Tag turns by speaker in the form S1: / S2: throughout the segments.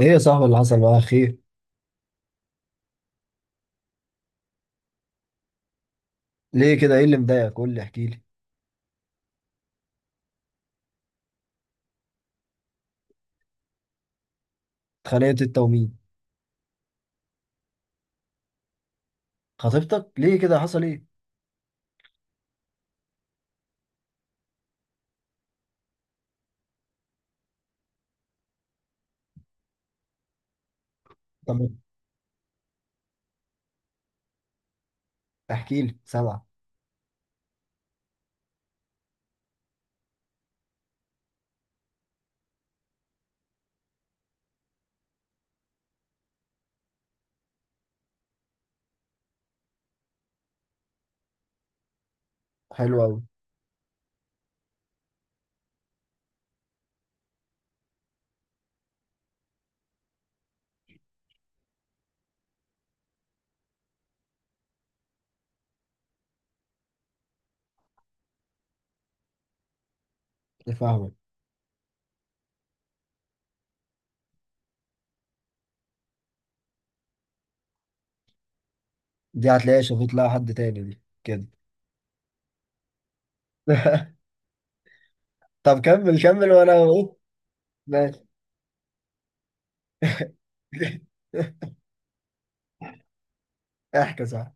S1: ايه يا صاحبي، اللي حصل معاك؟ خير؟ ليه كده؟ ايه اللي مضايقك؟ قول لي، احكي لي. اتخانقت انت ومين؟ خطيبتك؟ ليه كده؟ حصل ايه؟ طب احكي لي، سامعه. حلو قوي. فاهمك. دي هتلاقيها شافت لها حد تاني، دي كده. طب كمل كمل وانا اهو. ماشي. احكي صح.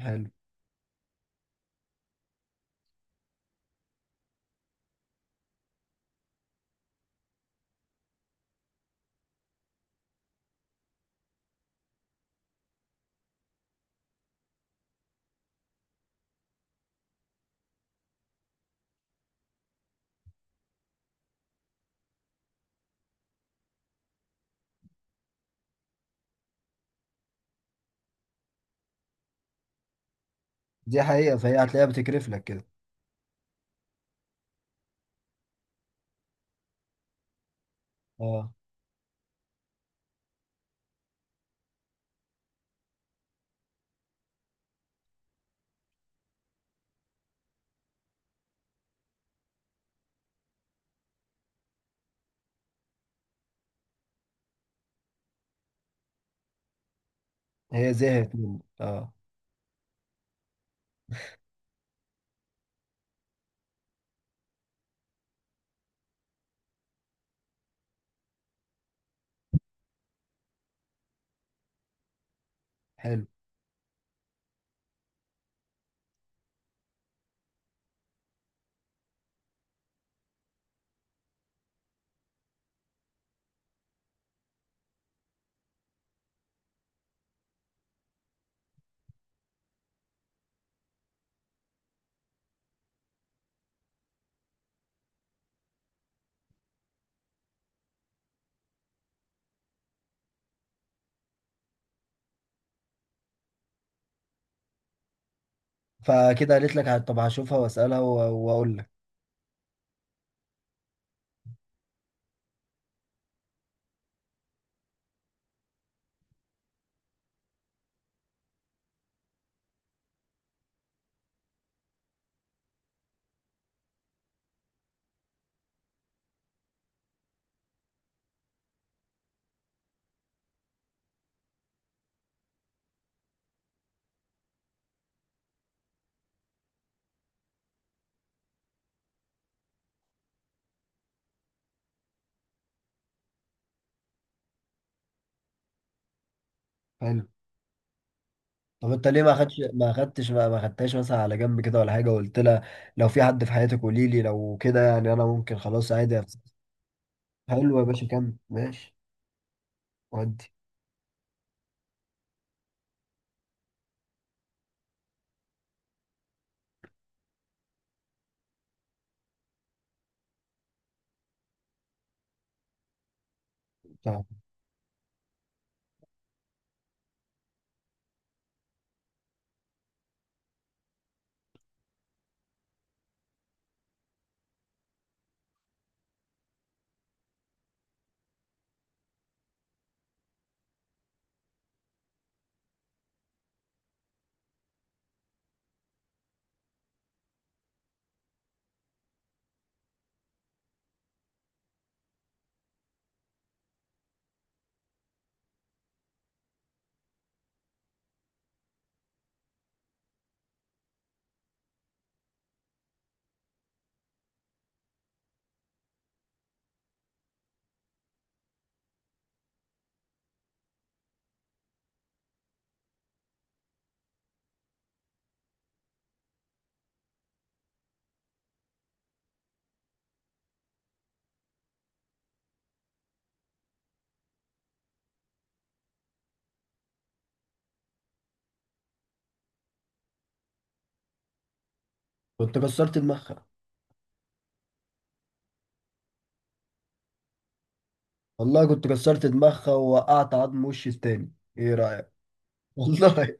S1: حلو. دي حقيقه، فهي هتلاقيها بتكرف لك كده. اه. هي زهقت منك، اه. حلو. فكده قالت لك طب هشوفها واسالها واقول لك. حلو، طب انت ليه ما خدش ما خدتش ما ما خدتهاش مثلا على جنب كده ولا حاجه، وقلت لها: لو في حد في حياتك قولي لي، لو كده يعني انا ممكن خلاص عادي حلو يا باشا، كمل. ماشي. ودي بتاع. كنت كسرت دماغها. والله كنت كسرت دماغها، ووقعت عظم وشي التاني. ايه رايك؟ والله.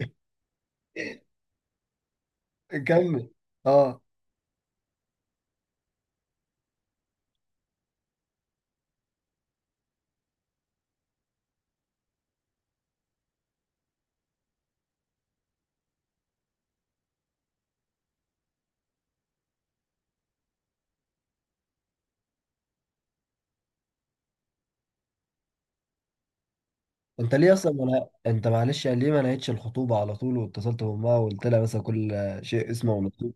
S1: كمل. اه. انت ليه اصلا، ولا انت معلش، يعني ليه ما نهيتش الخطوبه على طول واتصلت بامها وقلت لها مثلا: كل شيء اسمه ونصيب.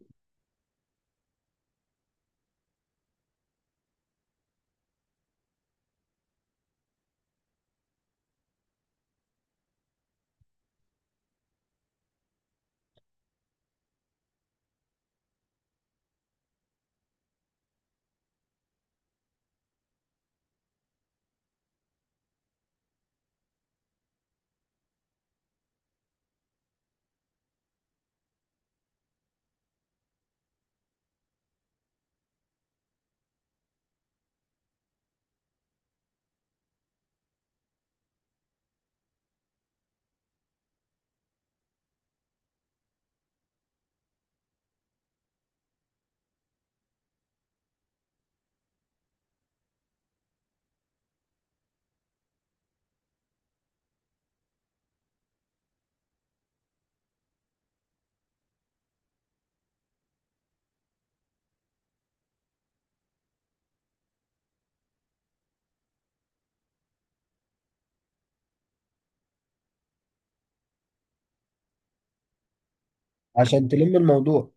S1: عشان تلم الموضوع.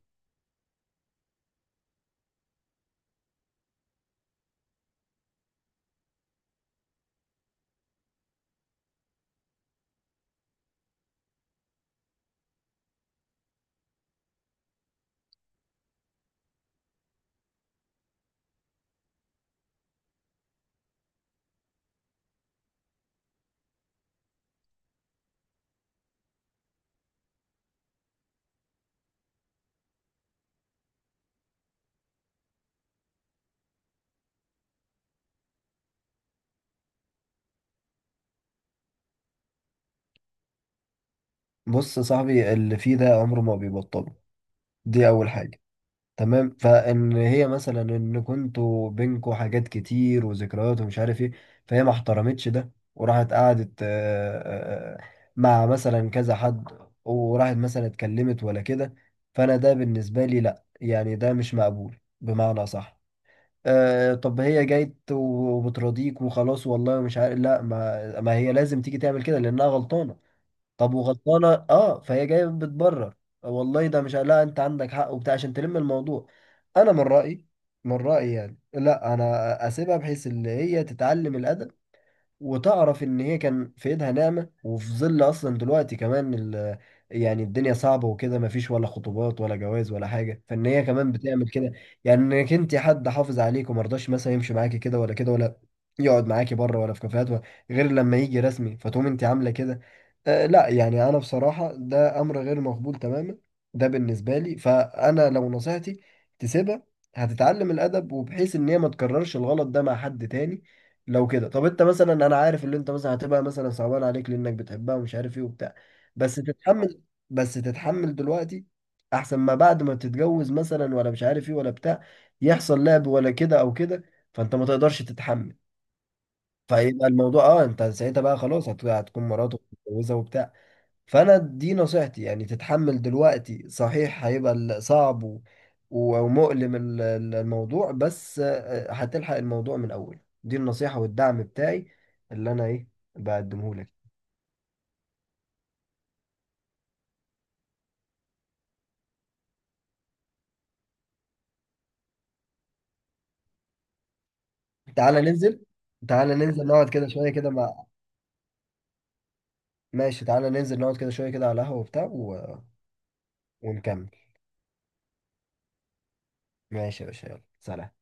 S1: بص يا صاحبي، اللي فيه ده عمره ما بيبطله، دي اول حاجه. تمام، فان هي مثلا ان كنتوا بينكوا حاجات كتير وذكريات ومش عارف ايه، فهي ما احترمتش ده وراحت قعدت آه، آه، مع مثلا كذا حد، وراحت مثلا اتكلمت ولا كده. فانا ده بالنسبه لي لا، يعني ده مش مقبول بمعنى صح. أه، طب هي جايت وبترضيك وخلاص والله مش عارف؟ لا، ما هي لازم تيجي تعمل كده لانها غلطانه. طب وغلطانه اه، فهي جايه بتبرر، والله ده مش، لا، انت عندك حق وبتاع عشان تلم الموضوع. انا من رايي، يعني لا، انا اسيبها بحيث ان هي تتعلم الادب، وتعرف ان هي كان في ايدها نعمة، وفي ظل اصلا دلوقتي كمان يعني الدنيا صعبة وكده، مفيش ولا خطوبات ولا جواز ولا حاجة، فان هي كمان بتعمل كده. يعني انك انت حد حافظ عليك، ومرضاش مثلا يمشي معاكي كده ولا كده، ولا يقعد معاكي بره ولا في كافيهات ولا، غير لما يجي رسمي، فتقوم انت عاملة كده. آه لا، يعني انا بصراحة ده امر غير مقبول تماما، ده بالنسبة لي. فانا لو نصيحتي، تسيبها، هتتعلم الادب، وبحيث ان هي ما تكررش الغلط ده مع حد تاني. لو كده، طب انت مثلا، انا عارف اللي انت مثلا هتبقى مثلا صعبان عليك لانك بتحبها ومش عارف ايه وبتاع، بس تتحمل. دلوقتي احسن، ما بعد ما تتجوز مثلا، ولا مش عارف ايه ولا بتاع يحصل لعب ولا كده او كده، فانت ما تقدرش تتحمل. فيبقى الموضوع اه، انت ساعتها بقى خلاص هتكون مراتك متجوزه وبتاع. فانا دي نصيحتي، يعني تتحمل دلوقتي، صحيح هيبقى صعب ومؤلم الموضوع، بس آه، هتلحق الموضوع من اول. دي النصيحة والدعم بتاعي اللي انا ايه بقدمه لك. تعالى ننزل. تعالى ننزل نقعد كده شوية كده مع. ماشي، تعالى ننزل نقعد كده شوية كده على القهوة وبتاع ونكمل. ماشي يا باشا، يلا سلام.